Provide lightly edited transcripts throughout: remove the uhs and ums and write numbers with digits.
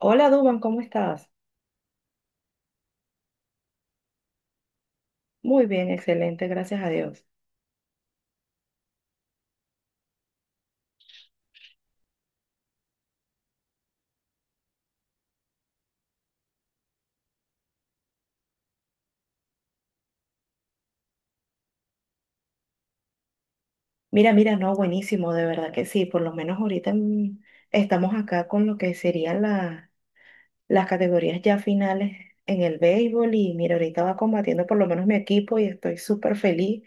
Hola Duban, ¿cómo estás? Muy bien, excelente, gracias a Dios. Mira, no, buenísimo, de verdad que sí, por lo menos ahorita, estamos acá con lo que serían las categorías ya finales en el béisbol y mira, ahorita va combatiendo por lo menos mi equipo y estoy súper feliz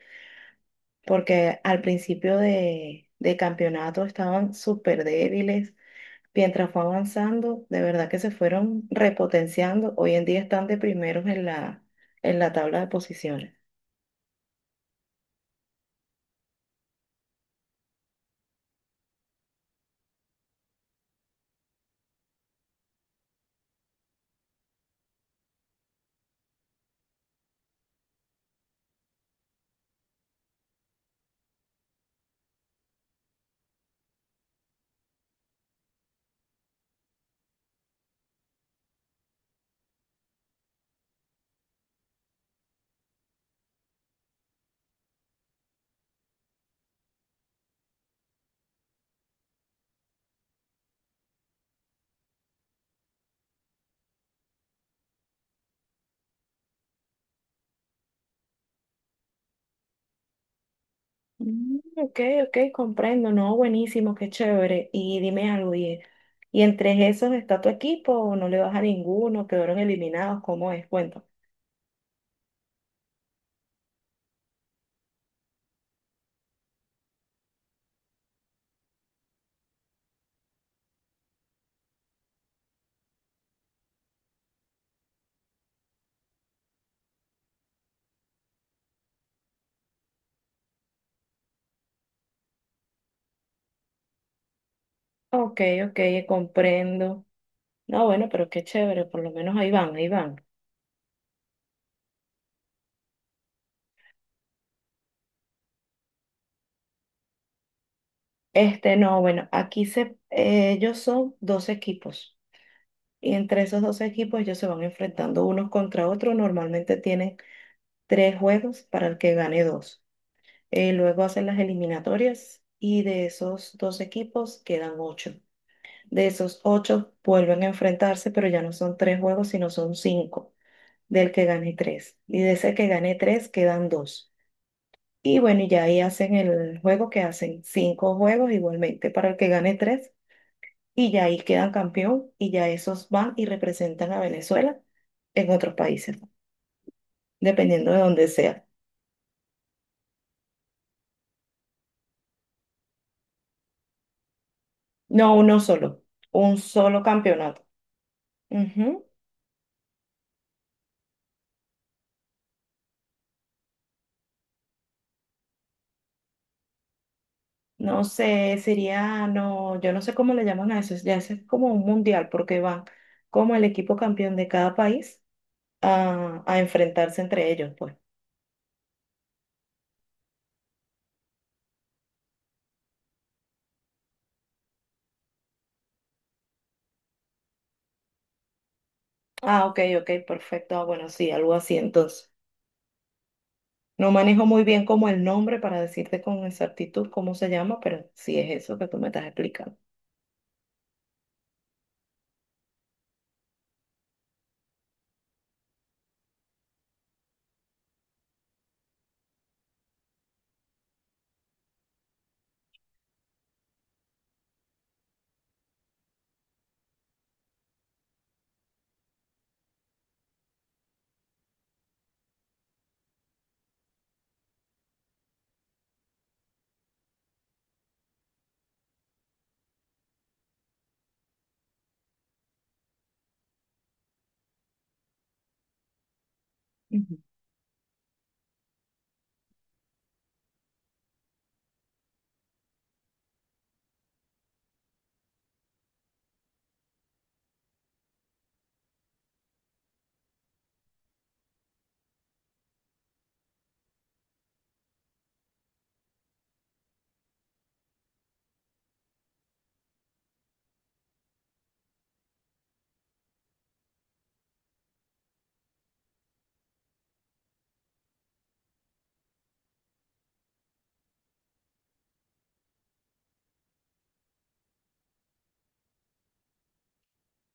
porque al principio de campeonato estaban súper débiles, mientras fue avanzando, de verdad que se fueron repotenciando, hoy en día están de primeros en en la tabla de posiciones. Mm, ok, ok, comprendo, no, buenísimo, qué chévere. Y dime algo, ¿y, ¿y entre esos está tu equipo o no le vas a ninguno? ¿Quedaron eliminados? ¿Cómo es? Cuento. Ok, ok, comprendo. No, bueno, pero qué chévere, por lo menos ahí van, ahí van. Este, no, bueno, aquí ellos son dos equipos y entre esos dos equipos ellos se van enfrentando unos contra otros. Normalmente tienen tres juegos para el que gane dos. Luego hacen las eliminatorias y de esos dos equipos quedan ocho. De esos ocho vuelven a enfrentarse, pero ya no son tres juegos, sino son cinco, del que gane tres. Y de ese que gane tres quedan dos. Y bueno, y ya ahí hacen el juego que hacen cinco juegos igualmente para el que gane tres. Y ya ahí quedan campeón y ya esos van y representan a Venezuela en otros países, dependiendo de donde sea. No, uno solo, un solo campeonato. Ujú. No sé, sería, no, yo no sé cómo le llaman a eso, ya eso es como un mundial, porque van como el equipo campeón de cada país a enfrentarse entre ellos, pues. Ah, ok, ok, perfecto. Ah, bueno, sí, algo así entonces. No manejo muy bien como el nombre para decirte con exactitud cómo se llama, pero sí es eso que tú me estás explicando. Ujú.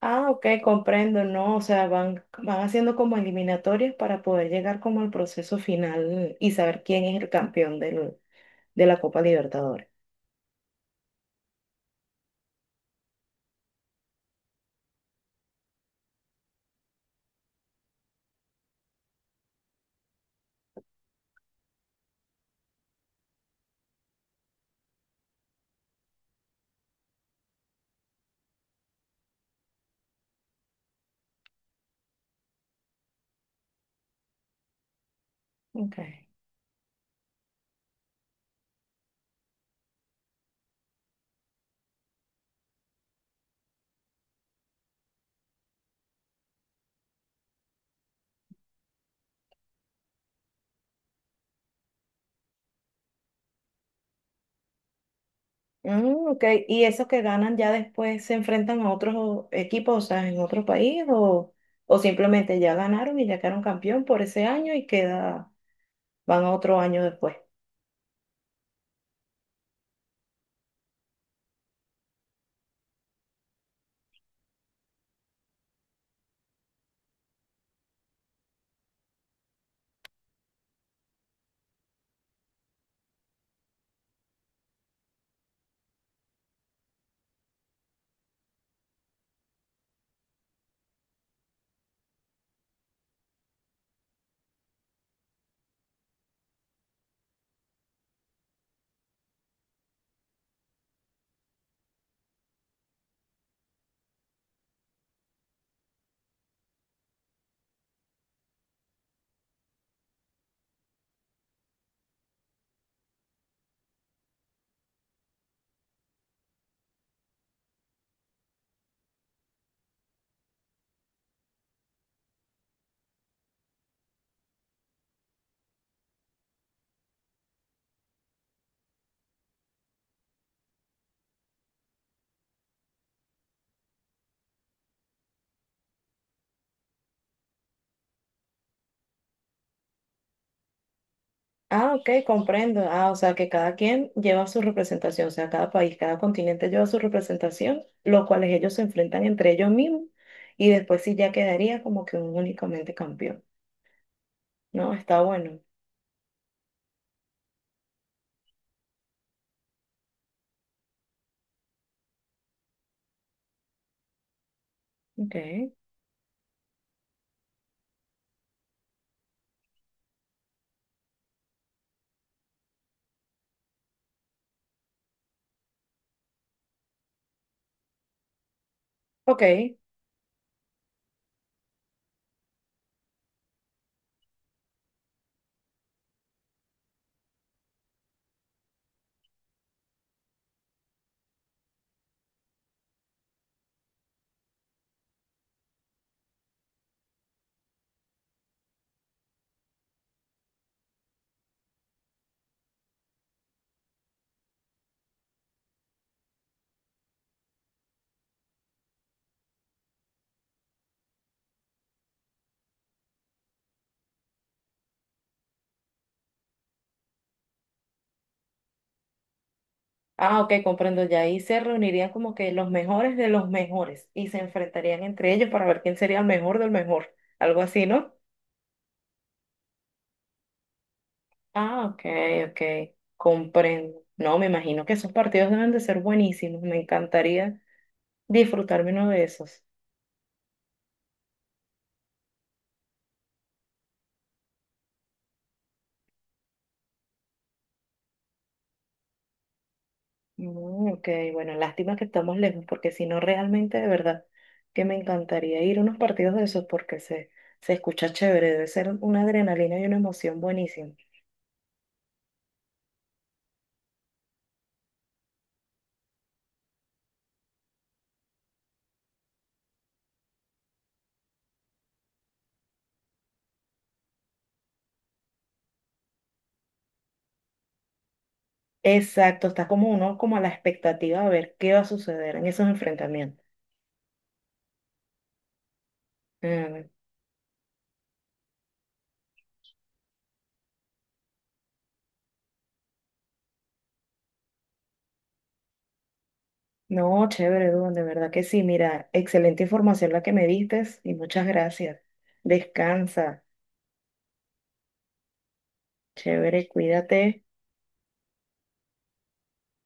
Ah, ok, comprendo, ¿no? O sea, van haciendo como eliminatorias para poder llegar como al proceso final y saber quién es el campeón de la Copa Libertadores. Ok. Mm, ok. ¿Y esos que ganan ya después se enfrentan a otros equipos, o sea, en otro país, o simplemente ya ganaron y ya quedaron campeón por ese año y queda, van a otro año después? Ah, ok, comprendo. Ah, o sea, que cada quien lleva su representación, o sea, cada país, cada continente lleva su representación, los cuales ellos se enfrentan entre ellos mismos y después sí ya quedaría como que un únicamente campeón. No, está bueno. Ok. Ok. Ah, ok, comprendo ya. Ahí se reunirían como que los mejores de los mejores y se enfrentarían entre ellos para ver quién sería el mejor del mejor. Algo así, ¿no? Ah, ok, ok. Comprendo. No, me imagino que esos partidos deben de ser buenísimos. Me encantaría disfrutarme uno de esos. Mm, ok, bueno, lástima que estamos lejos porque si no, realmente de verdad que me encantaría ir a unos partidos de esos porque se escucha chévere. Debe ser una adrenalina y una emoción buenísima. Exacto, está como uno como a la expectativa de ver qué va a suceder en esos enfrentamientos. Mm, no, chévere, Duan, de verdad que sí. Mira, excelente información la que me diste y muchas gracias. Descansa, chévere, cuídate.